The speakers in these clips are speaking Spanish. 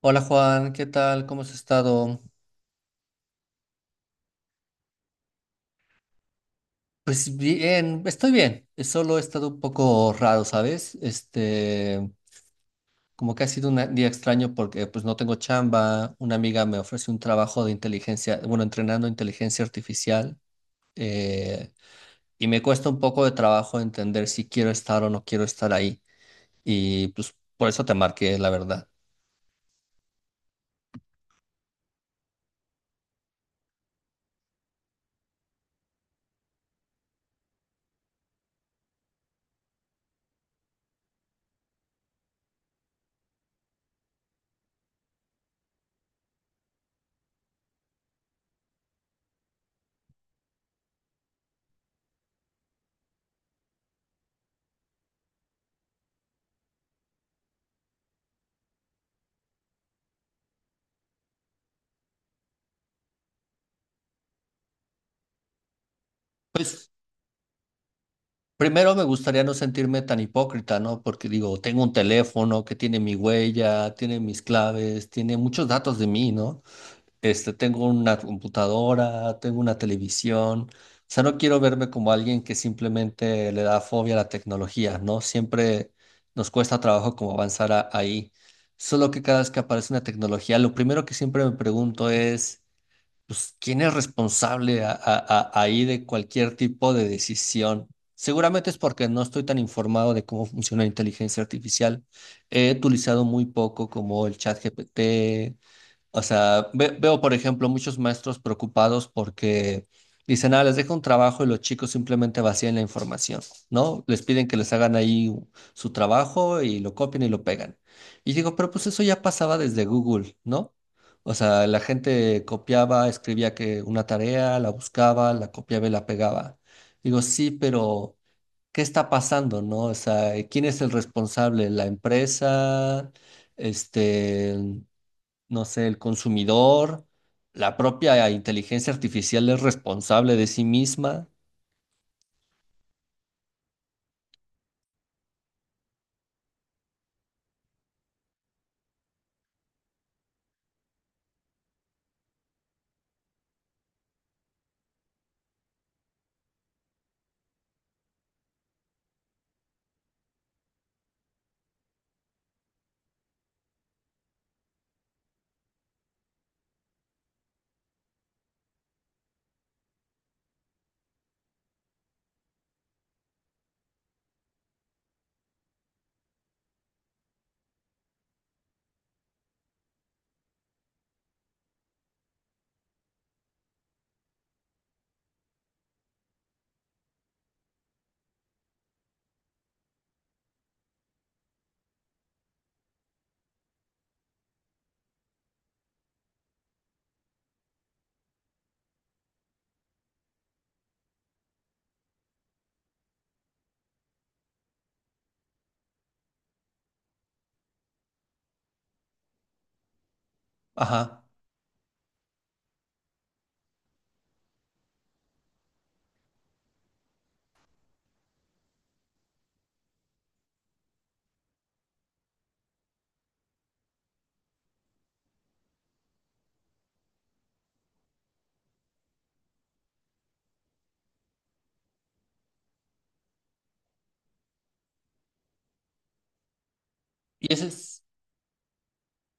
Hola, Juan, ¿qué tal? ¿Cómo has estado? Pues bien, estoy bien. Solo he estado un poco raro, ¿sabes? Este, como que ha sido un día extraño porque pues no tengo chamba. Una amiga me ofrece un trabajo de inteligencia, bueno, entrenando inteligencia artificial, eh, y me cuesta un poco de trabajo entender si quiero estar o no quiero estar ahí. Y pues por eso te marqué, la verdad. Pues, primero me gustaría no sentirme tan hipócrita, ¿no? Porque digo, tengo un teléfono que tiene mi huella, tiene mis claves, tiene muchos datos de mí, ¿no? Este, tengo una computadora, tengo una televisión. O sea, no quiero verme como alguien que simplemente le da fobia a la tecnología, ¿no? Siempre nos cuesta trabajo como ahí. Solo que cada vez que aparece una tecnología, lo primero que siempre me pregunto es pues, ¿quién es responsable ahí de cualquier tipo de decisión? Seguramente es porque no estoy tan informado de cómo funciona la inteligencia artificial. He utilizado muy poco como el chat GPT, o sea, veo, por ejemplo, muchos maestros preocupados porque dicen, ah, les dejo un trabajo y los chicos simplemente vacían la información, ¿no? Les piden que les hagan su trabajo y lo copian y lo pegan. Y digo, pero pues eso ya pasaba desde Google, ¿no? O sea, la gente copiaba, escribía que una tarea, la buscaba, la copiaba y la pegaba. Digo, sí, pero ¿qué está pasando, no? O sea, ¿quién es el responsable? ¿La empresa? Este, no sé, el consumidor, la propia inteligencia artificial es responsable de sí misma. Ajá. Y ese es...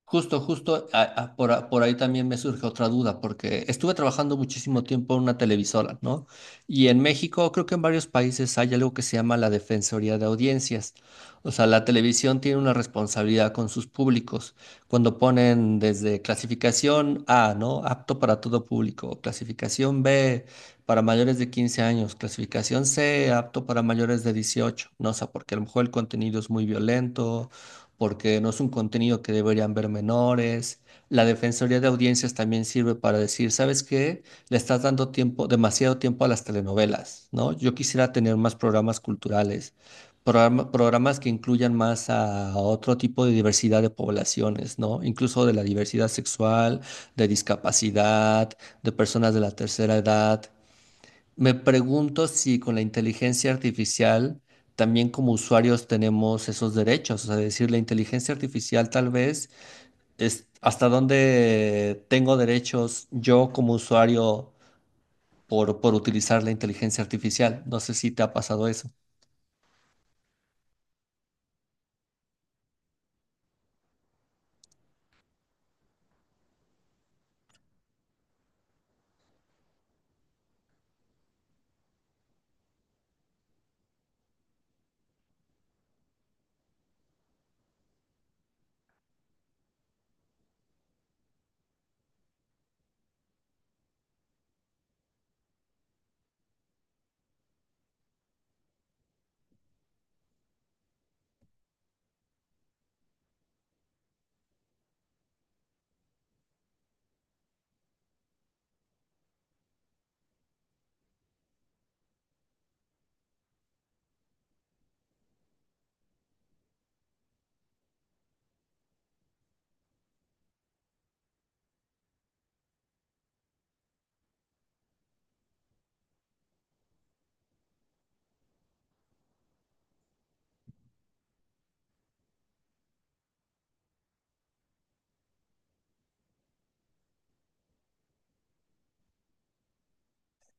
Justo, justo, por, por ahí también me surge otra duda, porque estuve trabajando muchísimo tiempo en una televisora, ¿no? Y en México, creo que en varios países hay algo que se llama la Defensoría de Audiencias. O sea, la televisión tiene una responsabilidad con sus públicos. Cuando ponen desde clasificación A, ¿no? Apto para todo público. Clasificación B, para mayores de 15 años. Clasificación C, apto para mayores de 18. No, o sea, porque a lo mejor el contenido es muy violento porque no es un contenido que deberían ver menores. La Defensoría de Audiencias también sirve para decir, ¿sabes qué? Le estás dando tiempo, demasiado tiempo a las telenovelas, ¿no? Yo quisiera tener más programas culturales, programas que incluyan más a otro tipo de diversidad de poblaciones, ¿no? Incluso de la diversidad sexual, de discapacidad, de personas de la tercera edad. Me pregunto si con la inteligencia artificial también como usuarios tenemos esos derechos, o sea, decir la inteligencia artificial tal vez es hasta dónde tengo derechos yo como usuario por utilizar la inteligencia artificial. No sé si te ha pasado eso.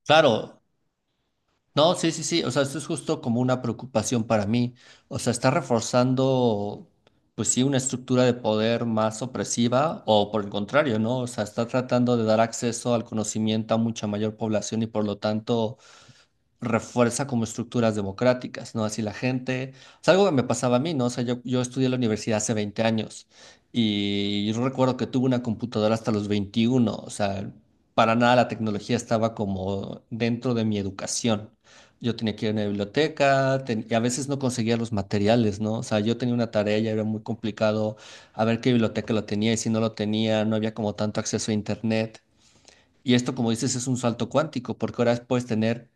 Claro, no, sí, sí, sí, o sea, esto es justo como una preocupación para mí. O sea, está reforzando, pues sí, una estructura de poder más opresiva o por el contrario, ¿no? O sea, está tratando de dar acceso al conocimiento a mucha mayor población y por lo tanto refuerza como estructuras democráticas, ¿no? Así la gente, es algo que me pasaba a mí, ¿no? O sea, yo estudié en la universidad hace 20 años y yo recuerdo que tuve una computadora hasta los 21, o sea, para nada la tecnología estaba como dentro de mi educación. Yo tenía que ir a una y a veces no conseguía los materiales, ¿no? O sea, yo tenía una tarea y era muy complicado a ver qué biblioteca lo tenía y si no lo tenía, no había como tanto acceso a internet. Y esto, como dices, es un salto cuántico, porque ahora puedes tener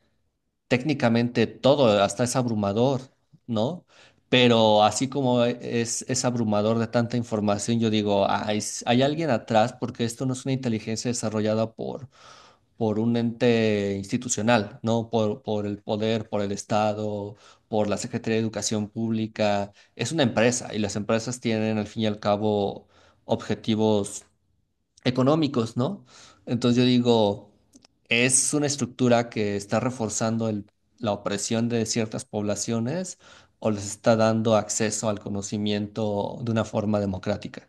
técnicamente todo, hasta es abrumador, ¿no? Pero así como es abrumador de tanta información, yo digo, hay alguien atrás porque esto no es una inteligencia desarrollada por un ente institucional, ¿no? Por el poder, por el Estado, por la Secretaría de Educación Pública. Es una empresa y las empresas tienen al fin y al cabo objetivos económicos, ¿no? Entonces yo digo, es una estructura que está reforzando la opresión de ciertas poblaciones o les está dando acceso al conocimiento de una forma democrática.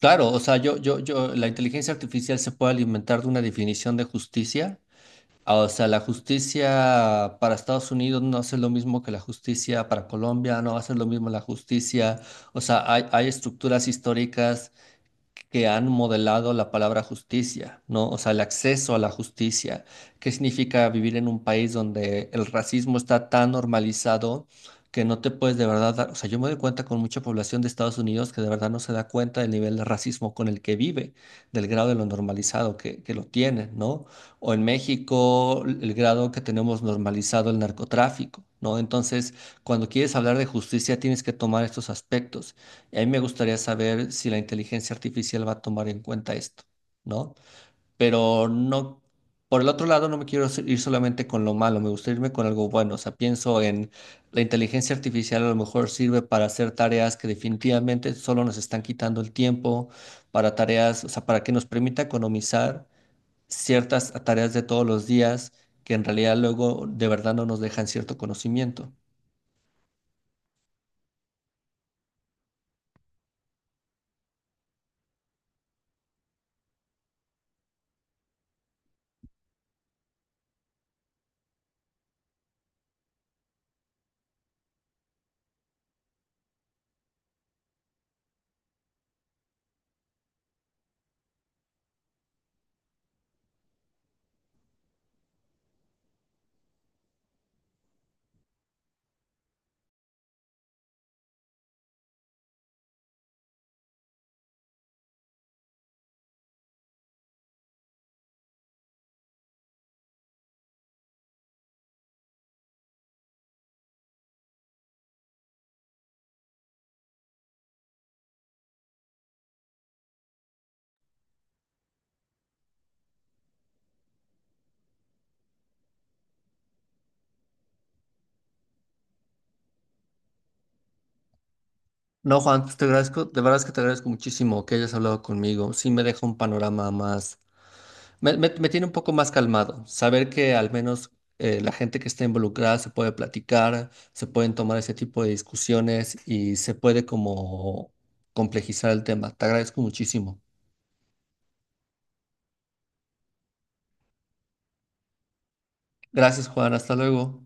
Claro, o sea, yo, la inteligencia artificial se puede alimentar de una definición de justicia. Ah, o sea, la justicia para Estados Unidos no hace lo mismo que la justicia para Colombia, no hace lo mismo la justicia. O sea, hay estructuras históricas que han modelado la palabra justicia, ¿no? O sea, el acceso a la justicia. ¿Qué significa vivir en un país donde el racismo está tan normalizado que no te puedes de verdad dar? O sea, yo me doy cuenta con mucha población de Estados Unidos que de verdad no se da cuenta del nivel de racismo con el que vive, del grado de lo normalizado que lo tiene, ¿no? O en México, el grado que tenemos normalizado el narcotráfico, ¿no? Entonces, cuando quieres hablar de justicia, tienes que tomar estos aspectos. A mí me gustaría saber si la inteligencia artificial va a tomar en cuenta esto, ¿no? Pero no, por el otro lado, no me quiero ir solamente con lo malo, me gustaría irme con algo bueno. O sea, pienso en la inteligencia artificial a lo mejor sirve para hacer tareas que definitivamente solo nos están quitando el tiempo, para tareas, o sea, para que nos permita economizar ciertas tareas de todos los días que en realidad luego de verdad no nos dejan cierto conocimiento. No, Juan, pues te agradezco, de verdad es que te agradezco muchísimo que hayas hablado conmigo. Sí me deja un panorama más, me tiene un poco más calmado. Saber que al menos la gente que está involucrada se puede platicar, se pueden tomar ese tipo de discusiones y se puede como complejizar el tema. Te agradezco muchísimo. Gracias, Juan, hasta luego.